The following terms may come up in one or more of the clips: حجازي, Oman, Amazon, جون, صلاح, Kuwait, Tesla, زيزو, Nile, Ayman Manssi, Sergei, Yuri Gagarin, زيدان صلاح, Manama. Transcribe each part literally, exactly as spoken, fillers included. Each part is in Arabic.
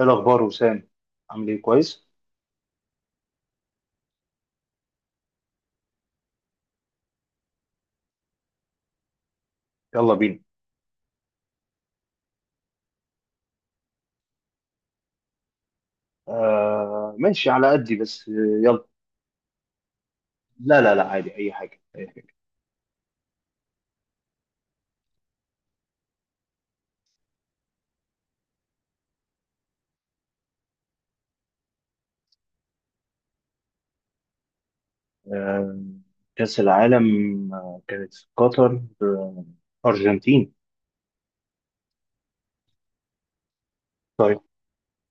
ايه الاخبار وسام؟ عامل ايه؟ كويس. يلا بينا. آه ماشي على قدي بس آه، يلا. لا لا لا، عادي اي حاجه، أي حاجة. آه، كاس العالم آه، كانت في قطر، آه، ارجنتين. طيب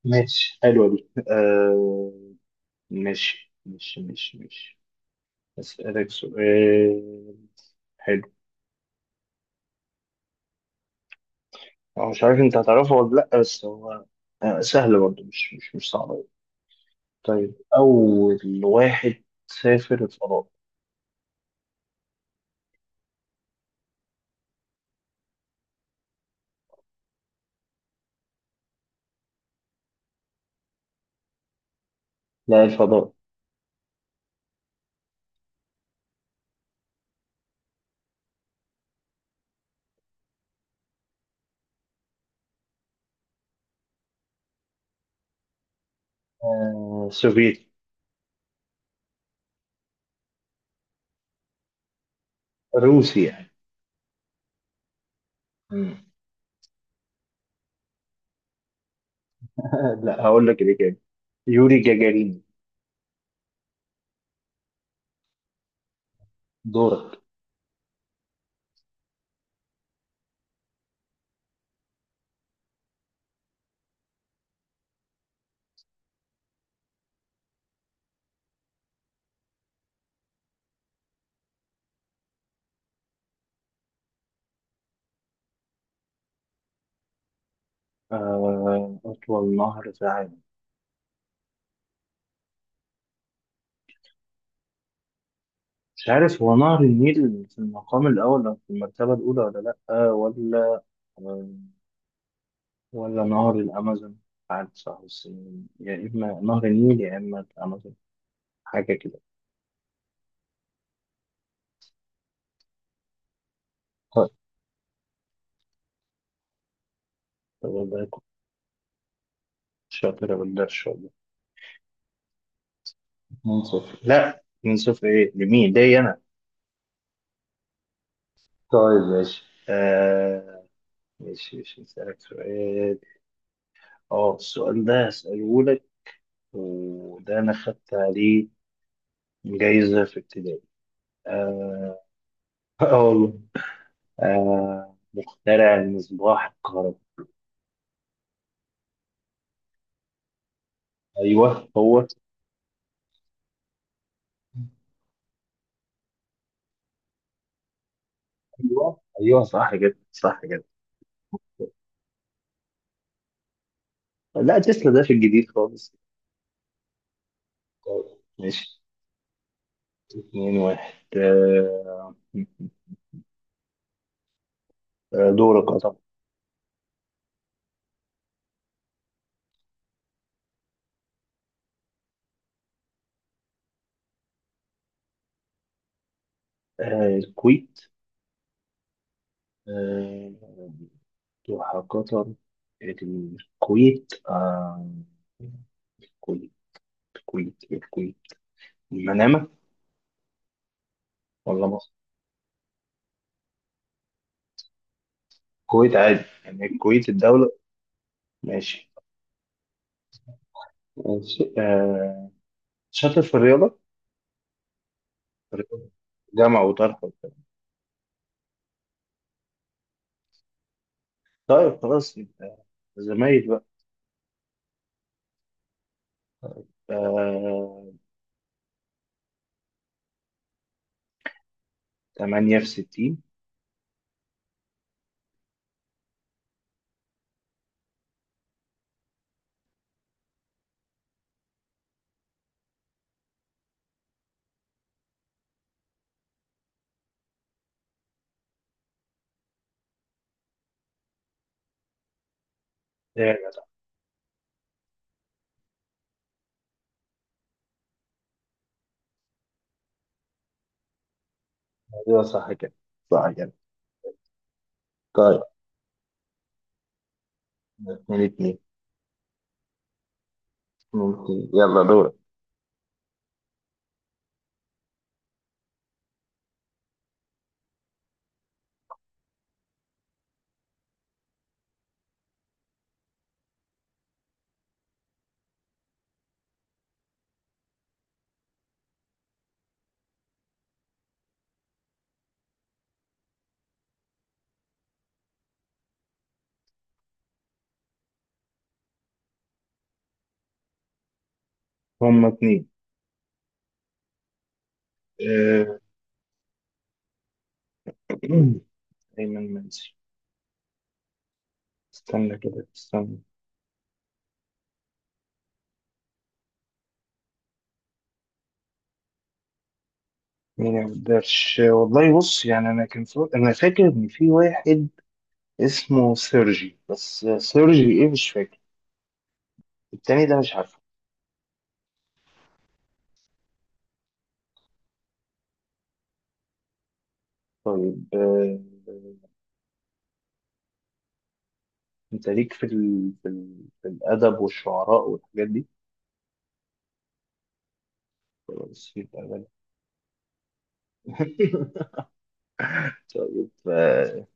ماشي، حلوه دي. آه ماشي ماشي ماشي ماشي. اسالك سؤال حلو، أو مش عارف انت هتعرفه ولا لا، بس هو آه، سهل برضه، مش مش مش صعب أوي. طيب، اول واحد سافر الفضاء. لا، الفضاء. آه، سوفيتي، روسي يعني. مم. لا هقول لك الإجابة، يوري جاجارين. دورك. آه، أطول نهر في العالم؟ مش عارف، هو نهر النيل في المقام الأول أو في المرتبة الأولى ولا لأ، آه، ولا آه، ولا نهر الأمازون. عارف صح بس، يا إما نهر النيل يا إما الأمازون، حاجة كده. طيب، طب والله كنت شاطر، بالله إن شاء الله. من صفر؟ لا من صفر إيه؟ لمين، ليا أنا؟ طيب ماشي. آه، ماشي ماشي، هسألك سؤال. اه، السؤال ده هسأله لك، وده أنا خدت عليه جايزة في ابتدائي. اه، آه والله. آه، مخترع المصباح الكهربائي. أيوه هو. أيوه أيوه، صح كده، صح كده. لا، تسلا ده في الجديد خالص. ماشي، اتنين واحد آه. آه، دورك، اه طبعا. آه، الكويت. آه، وحقيقة الكويت، آه الكويت الكويت الكويت، المنامة، ولا مصر؟ الكويت عادي، يعني الكويت الدولة؟ ماشي، ماشي آه. شاطر في الرياضة؟ الرياضة، جامعة وطرح وبتاع. طيب خلاص، يبقى زمايل بقى. آه، تمانية في ستين. ايوه. أيوة، صح كده، صح كده. طيب، اتنين اتنين. ممكن، يلا دورك. هما اتنين. آه، أيمن منسي. استنى كده استنى، مين يا قدرش، والله بص، يعني انا كان فا- انا فاكر ان في واحد اسمه سيرجي، بس سيرجي ايه مش فاكر، التاني ده مش عارفه. طيب، آه، انت ليك في ال... في, ال... في الادب والشعراء والحاجات دي؟ خلاص، يبقى بلاش. طيب، آه،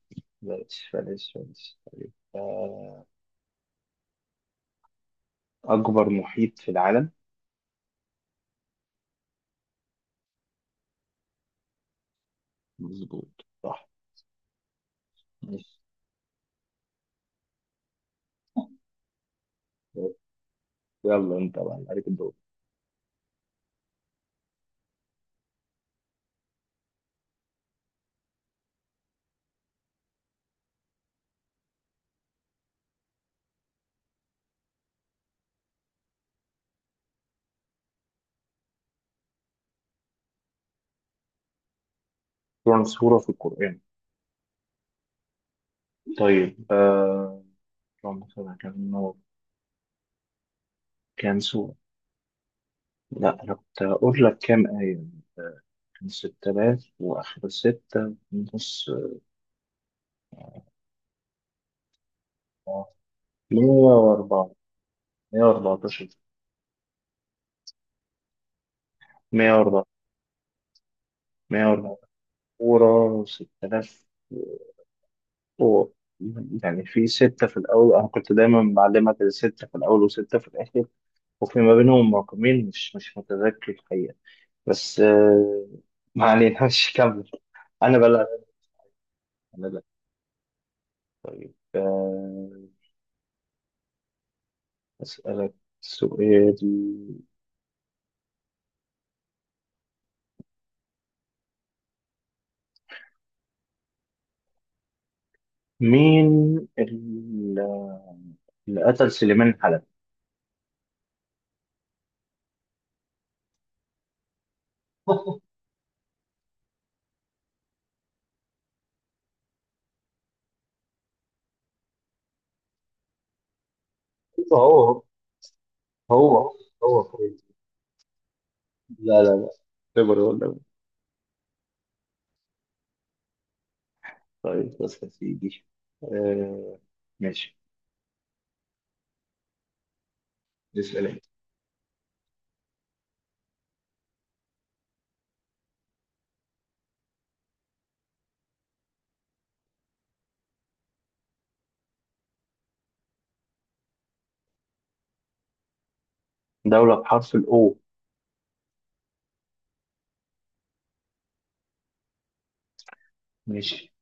بلاش بلاش بلاش. طيب، آه، اكبر محيط في العالم؟ مظبوط، صح. ماشي. طيب، يلا انت بقى عليك الدور. كم سورة في القرآن؟ طيب آه، اللهم صل على النور. كان سورة، لا أنا كنت هقول لك كام آية، كان ستة آلاف وآخر ستة ونص. آه، مية وأربعة. مية وأربعتاشر. مية وأربعة. مية وأربعة سورة، ستة آلاف و- يعني في ستة في الأول، أنا كنت دايما بعلمك الستة في الأول وستة في الآخر، وفي ما بينهم رقمين مش مش متذكر الحقيقة. بس آه، ما علينا. مش كمل، أنا بلعب. طيب، آه، أسألك سؤال، مين ال- اللي قتل سليمان حلب؟ هو، هو هو كويس. لا لا، اعتبر ولا. طيب بس يا سيدي، آه ماشي. اسأل انت. دولة بحرف الأو؟ ماشي،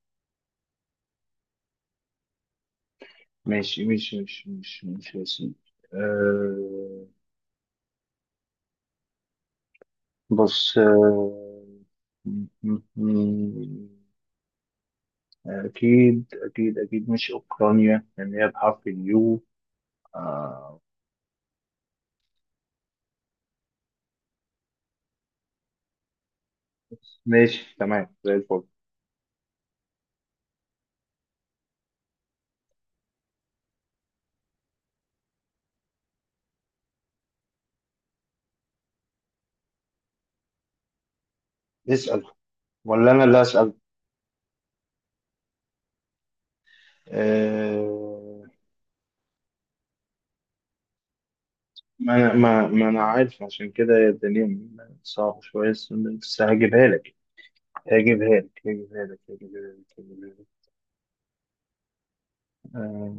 ماشي ماشي ماشي ماشي ماشي يا سيدي. آه، بص آه، أكيد أكيد أكيد مش أوكرانيا، لأن هي بحرف اليو. آه ماشي، تمام زي الفل. اسأل، ولا أنا اللي أسأل؟ آه، ما أنا ما, ما أنا عارف، عشان كده هي الدنيا صعبة شوية، بس بس هجيبها لك هجيبها لك هجيبها لك هجيبها لك هجيبها لك. آه.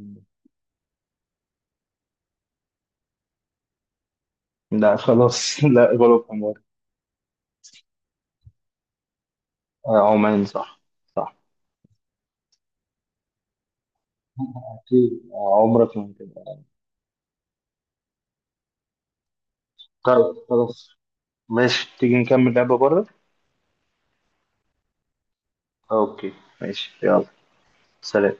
لا خلاص، لا غلط، عمر. آه، عمان، صح. صح. أكيد آه، عمرك ما هتبقى. طيب خلاص، ماشي، تيجي نكمل لعبة بره. اوكي، ماشي، يلا. سلام.